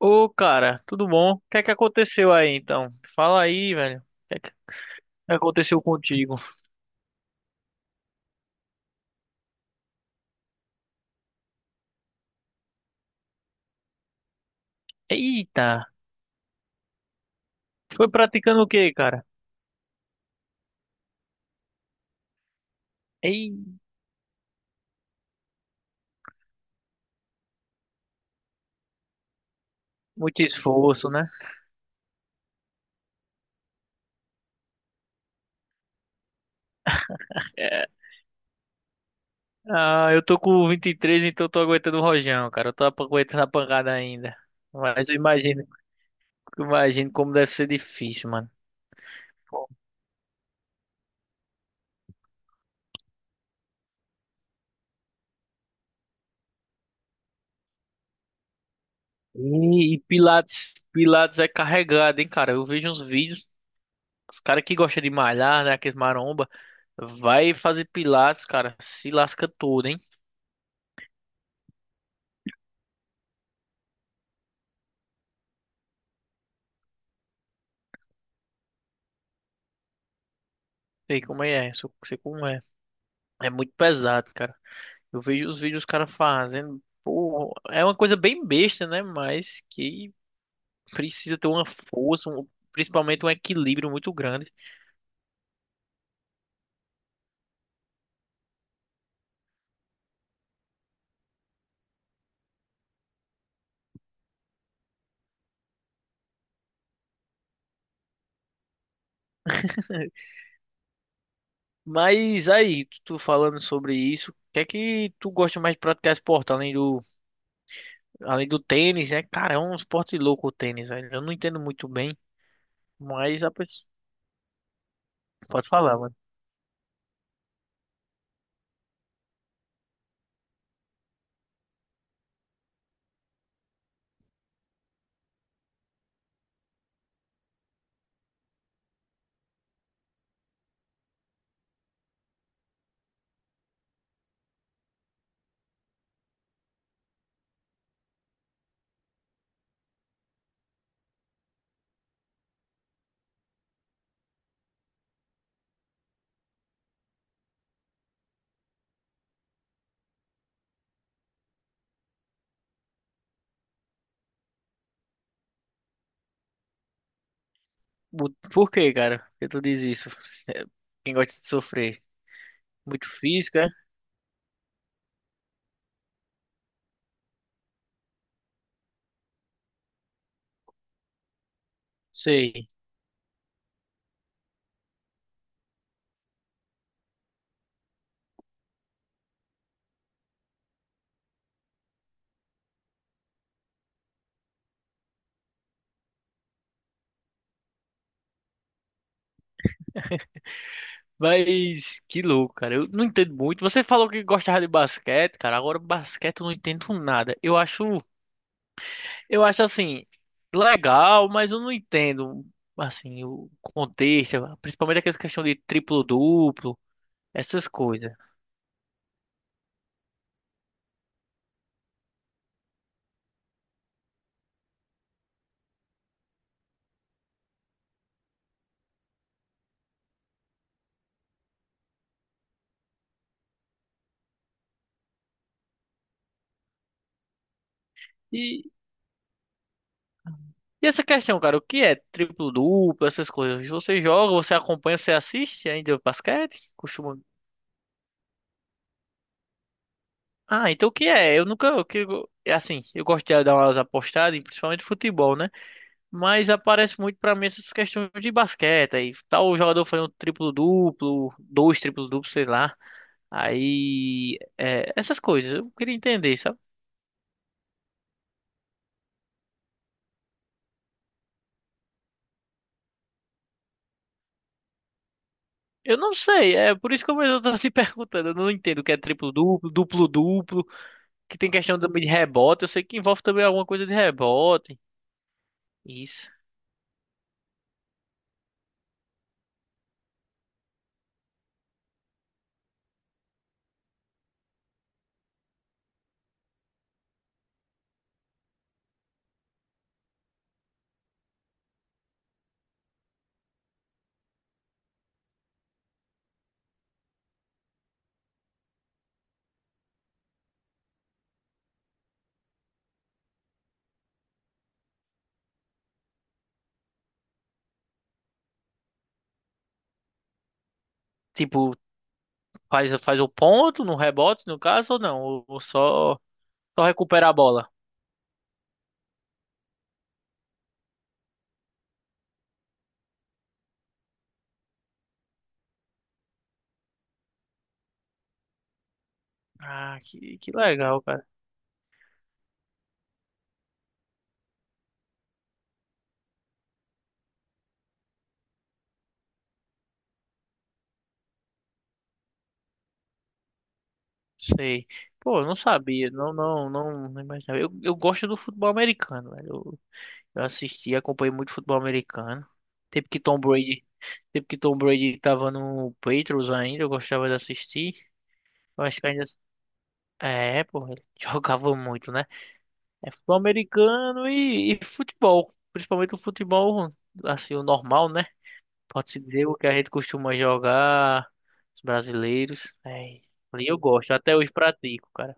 Ô, cara, tudo bom? O que é que aconteceu aí, então? Fala aí, velho. O que é que aconteceu contigo? Eita, foi praticando o quê, cara? Ei, muito esforço, né? É, ah, eu tô com 23, então eu tô aguentando o rojão, cara. Eu tô aguentando a pancada ainda. Mas eu imagino como deve ser difícil, mano. Pô. E Pilates, Pilates é carregado, hein, cara? Eu vejo uns vídeos. Os caras que gostam de malhar, né? Aqueles maromba, vai fazer pilates, cara, se lasca todo, hein? Sei como é, sei como é. É muito pesado, cara. Eu vejo os vídeos os caras fazendo, pô, é uma coisa bem besta, né? Mas que precisa ter uma força, um- principalmente um equilíbrio muito grande. Mas aí, tu falando sobre isso, o que é que tu gosta mais de praticar esporte, além do tênis, né? Cara, é um esporte louco o tênis, velho. Eu não entendo muito bem, mas a pessoa... Pode falar, mano. Por que, cara? Por que tu diz isso? É, quem gosta de sofrer? Muito físico, é? Sei. Mas que louco, cara. Eu não entendo muito. Você falou que gostava de basquete, cara. Agora basquete eu não entendo nada. Eu acho assim, legal, mas eu não entendo assim o contexto, principalmente aquela questão de triplo-duplo, essas coisas. E, e essa questão, cara, o que é triplo-duplo, essas coisas? Você joga, você acompanha, você assiste ainda o basquete? Costuma. Ah, então o que é? Eu nunca, é assim, eu gosto de dar umas apostadas em, principalmente futebol, né? Mas aparece muito pra mim essas questões de basquete, aí tal jogador fazendo um triplo-duplo, dois triplo-duplos, sei lá. Aí, é, essas coisas, eu queria entender, sabe? Eu não sei, é por isso que eu mesmo tô se perguntando, eu não entendo o que é triplo-duplo, duplo-duplo, que tem questão também de rebote, eu sei que envolve também alguma coisa de rebote, isso. Tipo, faz o ponto no rebote, no caso, ou não? Ou só só recuperar a bola. Ah, que legal, cara. Sei. Pô, eu não sabia. Não, não, não, não imaginava. Eu gosto do futebol americano, velho. Eu assisti, acompanhei muito futebol americano. Tempo que Tom Brady, tempo que Tom Brady tava no Patriots ainda, eu gostava de assistir. Eu acho que ainda. É, pô, ele jogava muito, né? É futebol americano e futebol. Principalmente o futebol, assim, o normal, né? Pode-se dizer o que a gente costuma jogar, os brasileiros. É, e eu gosto, até hoje pratico, cara.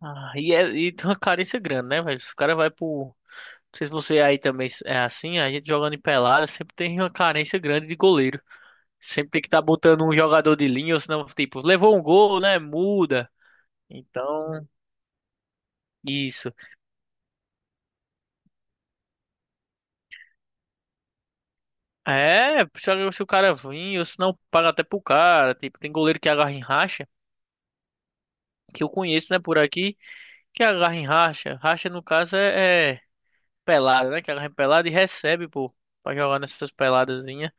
Ah, e, é, e tem uma carência grande, né, velho? Os caras vai pro. Não sei se você aí também é assim, a gente jogando em pelada sempre tem uma carência grande de goleiro. Sempre tem que estar botando um jogador de linha, ou senão, tipo, levou um gol, né? Muda. Então, isso. É, se o cara vir, ou senão paga até pro cara. Tipo, tem goleiro que agarra em racha, que eu conheço, né, por aqui. Que agarra em racha. Racha, no caso, é pelada, né? Que agarra em pelada e recebe, pô, pra jogar nessas peladazinhas.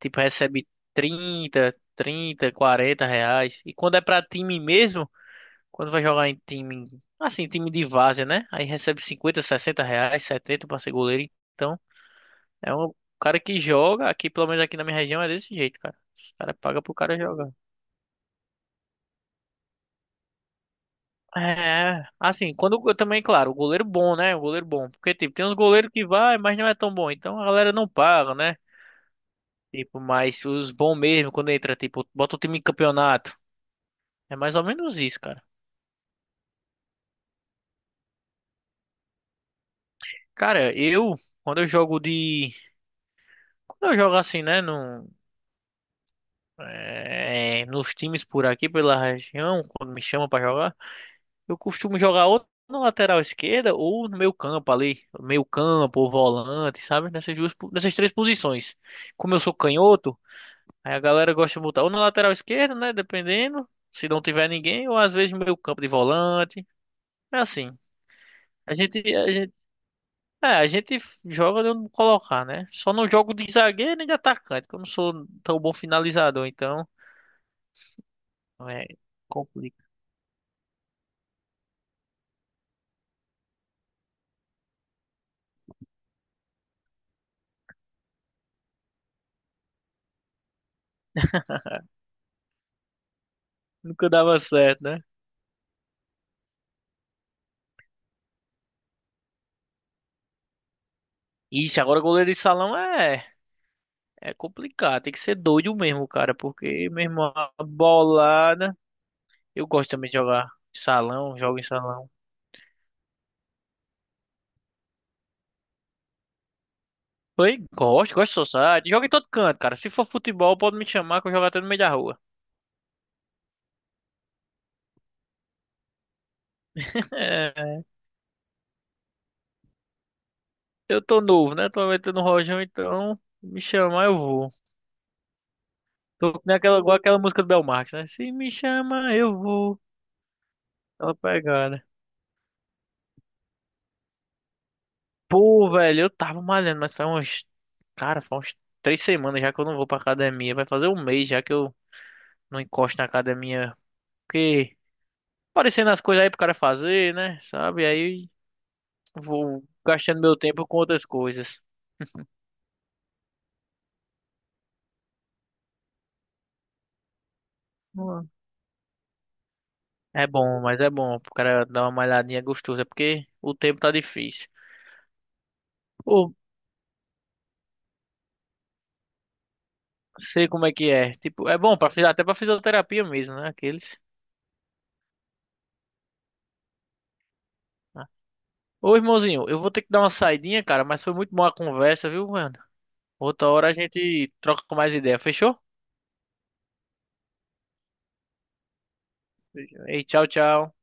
Tipo, recebe 30, 30, R$ 40. E quando é pra time mesmo, quando vai jogar em time, assim, time de várzea, né? Aí recebe 50, R$ 60, 70 pra ser goleiro. Então, é um cara que joga, aqui, pelo menos aqui na minha região, é desse jeito, cara. Os caras pagam pro cara jogar. É, assim, quando eu também, claro, o goleiro bom, né? O goleiro bom. Porque, tipo, tem uns goleiros que vai, mas não é tão bom. Então a galera não paga, né? Tipo, mas os bons mesmo, quando entra, tipo, bota o time em campeonato. É mais ou menos isso, cara. Cara, eu, quando eu jogo de. Quando eu jogo assim, né? No, é, nos times por aqui, pela região, quando me chamam pra jogar, eu costumo jogar ou na lateral esquerda ou no meio campo ali. Meio campo ou volante, sabe? Nessas três posições. Como eu sou canhoto. Aí a galera gosta de botar ou na lateral esquerda, né? Dependendo. Se não tiver ninguém, ou às vezes no meio campo de volante. É assim. A gente, a gente, a gente joga de onde colocar, né? Só não jogo de zagueiro nem de atacante, que eu não sou tão bom finalizador, então. É, complica. Nunca dava certo, né? Ixi, agora goleiro de salão é complicado. Tem que ser doido mesmo, cara, porque mesmo a bolada. Eu gosto também de jogar em salão, jogo em salão. Foi, gosto, gosto do Society. Jogo em todo canto, cara. Se for futebol, pode me chamar que eu jogo até no meio da rua. É, eu tô novo, né? Tô metendo no rojão, então me chamar eu vou. Tô com aquela, igual aquela música do Belmarx, né? Se me chama eu vou. Aquela pegada. Pô, velho, eu tava malhando, mas faz uns. Cara, faz uns 3 semanas já que eu não vou pra academia. Vai fazer um mês já que eu não encosto na academia. Porque aparecendo as coisas aí pro cara fazer, né? Sabe? Aí vou gastando meu tempo com outras coisas. É bom, mas é bom pro cara dar uma malhadinha gostosa, porque o tempo tá difícil. Ou sei como é que é. Tipo, é bom para até pra fisioterapia mesmo, né? Aqueles. Né? Ô, irmãozinho, eu vou ter que dar uma saidinha, cara, mas foi muito boa a conversa, viu, mano? Outra hora a gente troca mais ideia, fechou? E tchau, tchau.